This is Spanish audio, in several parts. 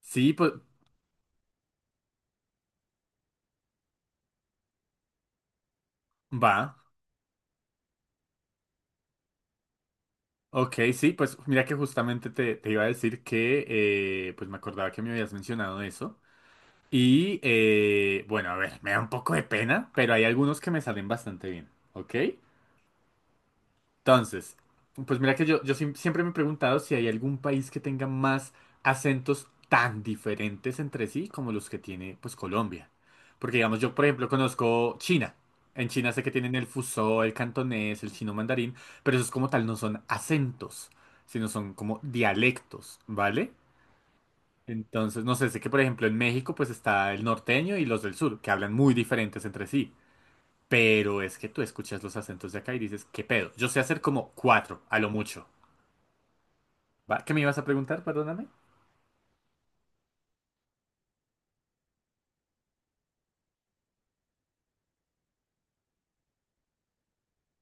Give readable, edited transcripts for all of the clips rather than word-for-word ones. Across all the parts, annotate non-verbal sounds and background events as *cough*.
Sí, pues va. Ok, sí, pues mira que justamente te iba a decir que pues me acordaba que me habías mencionado eso. Y bueno, a ver, me da un poco de pena, pero hay algunos que me salen bastante bien. ¿Ok? Entonces, pues mira que siempre me he preguntado si hay algún país que tenga más acentos tan diferentes entre sí como los que tiene pues Colombia. Porque digamos, yo por ejemplo conozco China. En China sé que tienen el fusó, el cantonés, el chino mandarín, pero esos como tal no son acentos, sino son como dialectos, ¿vale? Entonces, no sé, sé que por ejemplo en México pues está el norteño y los del sur, que hablan muy diferentes entre sí. Pero es que tú escuchas los acentos de acá y dices, ¿qué pedo? Yo sé hacer como cuatro, a lo mucho. ¿Va? ¿Qué me ibas a preguntar? Perdóname.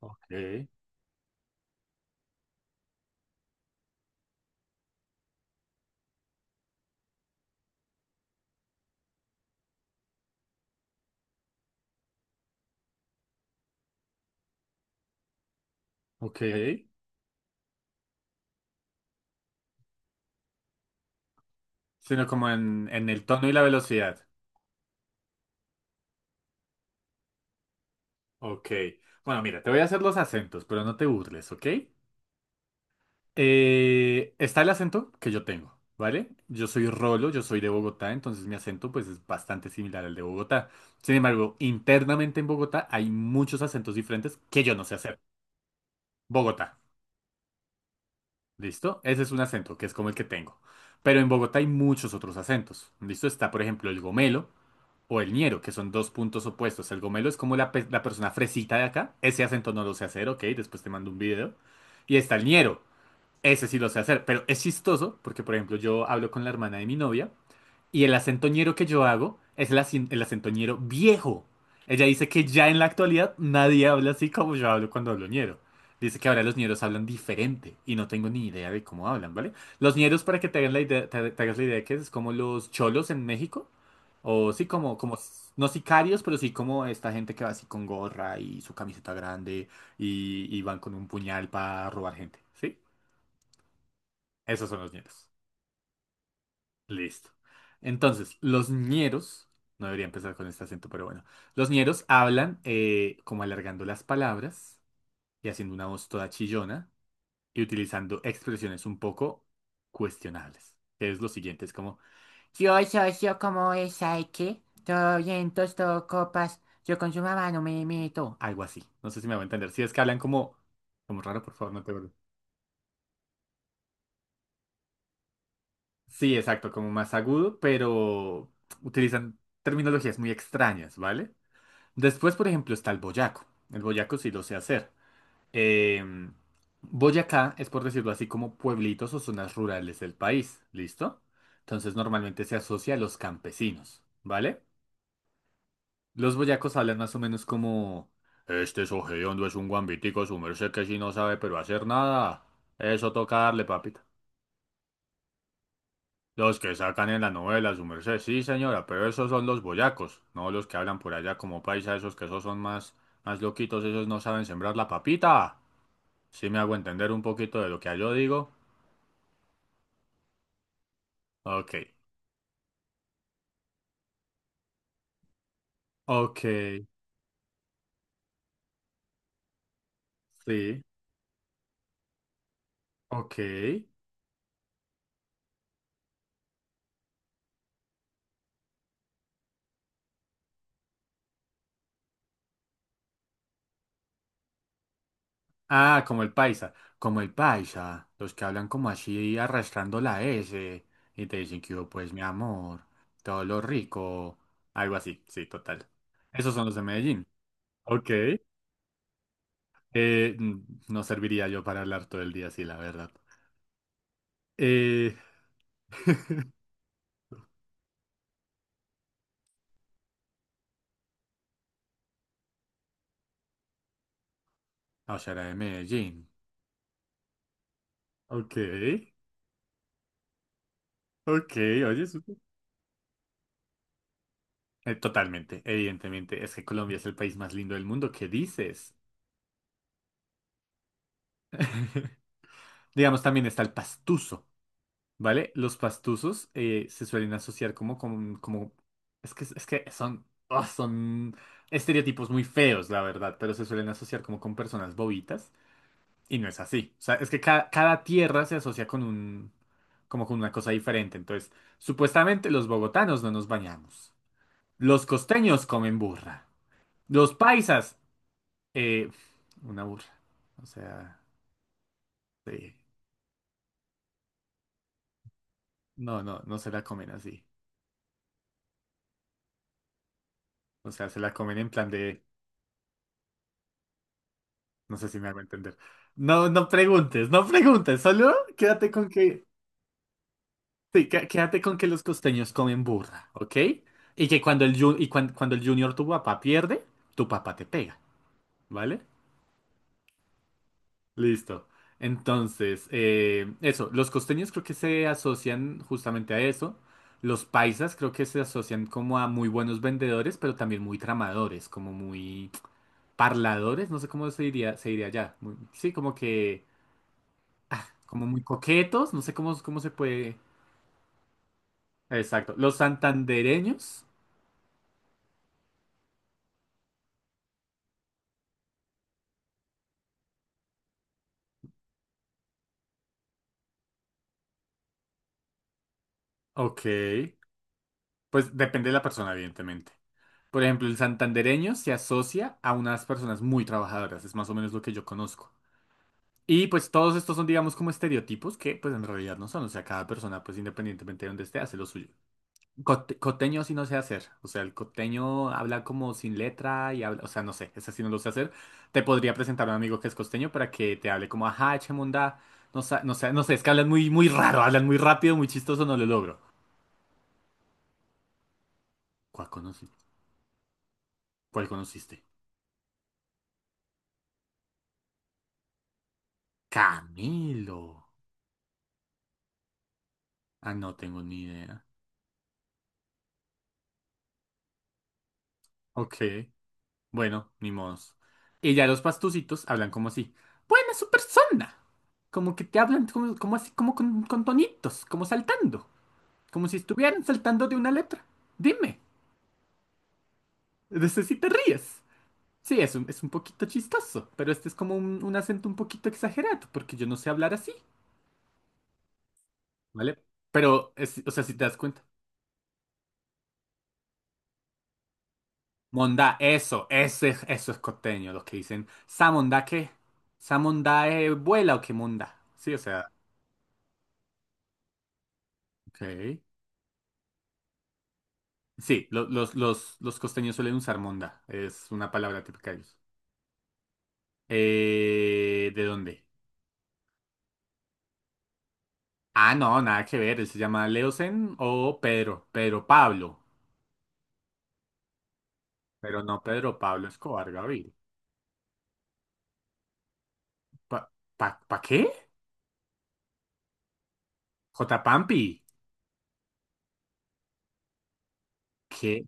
Ok, ok. Sino como en el tono y la velocidad. Ok. Bueno, mira, te voy a hacer los acentos, pero no te burles, ¿ok? Está el acento que yo tengo, ¿vale? Yo soy Rolo, yo soy de Bogotá, entonces mi acento pues es bastante similar al de Bogotá. Sin embargo, internamente en Bogotá hay muchos acentos diferentes que yo no sé hacer. Bogotá. ¿Listo? Ese es un acento, que es como el que tengo. Pero en Bogotá hay muchos otros acentos. ¿Listo? Está, por ejemplo, el gomelo o el ñero, que son dos puntos opuestos. El gomelo es como la persona fresita de acá. Ese acento no lo sé hacer, ok, después te mando un video. Y está el ñero. Ese sí lo sé hacer. Pero es chistoso porque, por ejemplo, yo hablo con la hermana de mi novia y el acentoñero que yo hago es el acentoñero viejo. Ella dice que ya en la actualidad nadie habla así como yo hablo cuando hablo ñero. Dice que ahora los ñeros hablan diferente y no tengo ni idea de cómo hablan, ¿vale? Los ñeros, para que te hagan la idea, te hagas la idea de que es como los cholos en México. O sí, no sicarios, pero sí como esta gente que va así con gorra y su camiseta grande y van con un puñal para robar gente, ¿sí? Esos son los ñeros. Listo. Entonces, los ñeros, no debería empezar con este acento, pero bueno, los ñeros hablan como alargando las palabras y haciendo una voz toda chillona y utilizando expresiones un poco cuestionables. Que es lo siguiente, es como, yo como esa y que todo vientos, todo copas, yo con su mamá no me meto. Algo así. No sé si me va a entender. Si es que hablan como raro, por favor, no te preocupes. Sí, exacto, como más agudo, pero utilizan terminologías muy extrañas, ¿vale? Después, por ejemplo, está el boyaco. El boyaco sí lo sé hacer. Em, Boyacá es, por decirlo así, como pueblitos o zonas rurales del país, ¿listo? Entonces normalmente se asocia a los campesinos, ¿vale? Los boyacos hablan más o menos como... Este ojediondo es un guambitico, su merced que si no sabe pero hacer nada. Eso toca darle, papita. Los que sacan en la novela, su merced. Sí, señora, pero esos son los boyacos, no los que hablan por allá como paisa, esos que esos son más, más loquitos, esos no saben sembrar la papita. Sí me hago entender un poquito de lo que yo digo. Ok, ok, sí, ok. Ah, como el paisa, como el paisa, los que hablan como así arrastrando la S y te dicen que yo, pues mi amor, todo lo rico, algo así, sí, total. Esos son los de Medellín. Ok. Eh, n- no serviría yo para hablar todo el día así, la verdad. Eh, *laughs* Aushara de Medellín. Ok, ok, oye, súper. Totalmente, evidentemente. Es que Colombia es el país más lindo del mundo. ¿Qué dices? *laughs* Digamos, también está el pastuso, ¿vale? Los pastusos se suelen asociar como... es que son, ah, son estereotipos muy feos, la verdad, pero se suelen asociar como con personas bobitas. Y no es así. O sea, es que cada tierra se asocia con un, como con una cosa diferente. Entonces, supuestamente los bogotanos no nos bañamos. Los costeños comen burra. Los paisas, eh, una burra. O sea, sí. No, no, no se la comen así. O sea, se la comen en plan de, no sé si me hago entender. No, no preguntes, no preguntes, solo quédate con que sí, quédate con que los costeños comen burra, ¿ok? Y que cuando el, ju- y cuan- cuando el junior tu papá pierde, tu papá te pega, ¿vale? Listo. Entonces, eso, los costeños creo que se asocian justamente a eso. Los paisas creo que se asocian como a muy buenos vendedores, pero también muy tramadores, como muy parladores, no sé cómo se diría allá. Muy- sí, como que, como muy coquetos, no sé cómo se puede. Exacto. Los santandereños, ok. Pues depende de la persona, evidentemente. Por ejemplo, el santandereño se asocia a unas personas muy trabajadoras, es más o menos lo que yo conozco. Y pues todos estos son, digamos, como estereotipos que pues en realidad no son, o sea, cada persona pues independientemente de donde esté hace lo suyo. Coteño sí no sé hacer, o sea, el coteño habla como sin letra y habla, o sea, no sé, ese sí no lo sé hacer. Te podría presentar a un amigo que es costeño para que te hable como, ajá, chemunda, no sé, es que hablan muy raro, hablan muy rápido, muy chistoso, no lo logro. ¿Cuál conocí? ¿Cuál conociste? Camelo. Ah, no tengo ni idea. Ok, bueno, ni modos. Y ya los pastucitos hablan como así. Buena su persona. Como que te hablan como así, como con tonitos, como saltando. Como si estuvieran saltando de una letra. Dime, de ese sí te ríes. Sí, es un poquito chistoso, pero este es como un acento un poquito exagerado, porque yo no sé hablar así, ¿vale? Pero, es, o sea, si te das cuenta. Mondá, eso, ese, eso es costeño, los que dicen, ¿sa mondá qué? ¿Sa mondá vuela o qué mondá? Sí, o sea, ok. Sí, los, los costeños suelen usar mondá, es una palabra típica de ellos. ¿De dónde? Ah, no, nada que ver, él se llama Leosen o Pedro, Pedro Pablo, pero no Pedro Pablo Escobar Gaviria. ¿Pa, ¿pa qué? J. Pampi, ¿qué?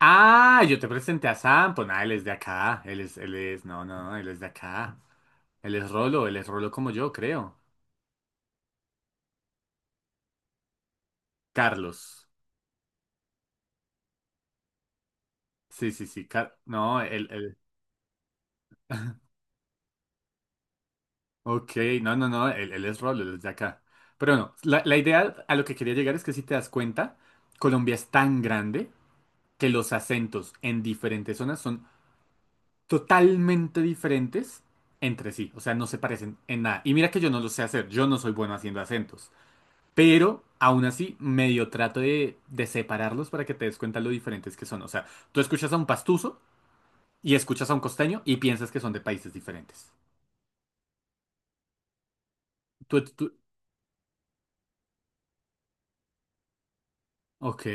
Ah, yo te presenté a Sam, pues nada, él es de acá, él es, no, no, él es de acá, él es Rolo como yo, creo. Carlos, sí, sí, sí, él, ok, no, él es Rolo, él es de acá. Pero no, la idea a lo que quería llegar es que si te das cuenta, Colombia es tan grande que los acentos en diferentes zonas son totalmente diferentes entre sí, o sea, no se parecen en nada. Y mira que yo no lo sé hacer, yo no soy bueno haciendo acentos. Pero aún así, medio trato de separarlos para que te des cuenta lo diferentes que son. O sea, tú escuchas a un pastuso y escuchas a un costeño y piensas que son de países diferentes. Tú, tú- ok.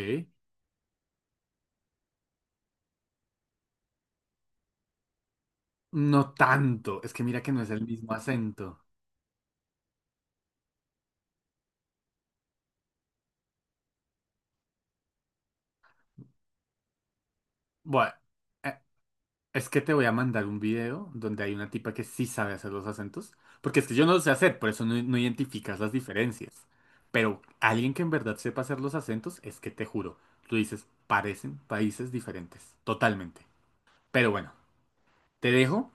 No tanto. Es que mira que no es el mismo acento. Bueno, eh, es que te voy a mandar un video donde hay una tipa que sí sabe hacer los acentos. Porque es que yo no lo sé hacer, por eso no, no identificas las diferencias. Pero alguien que en verdad sepa hacer los acentos, es que te juro, tú dices, parecen países diferentes. Totalmente. Pero bueno, te dejo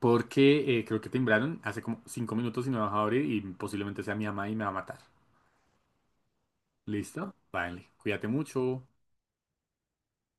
porque creo que timbraron hace como 5 minutos y no he bajado a abrir y posiblemente sea mi mamá y me va a matar. ¿Listo? Vale, cuídate mucho.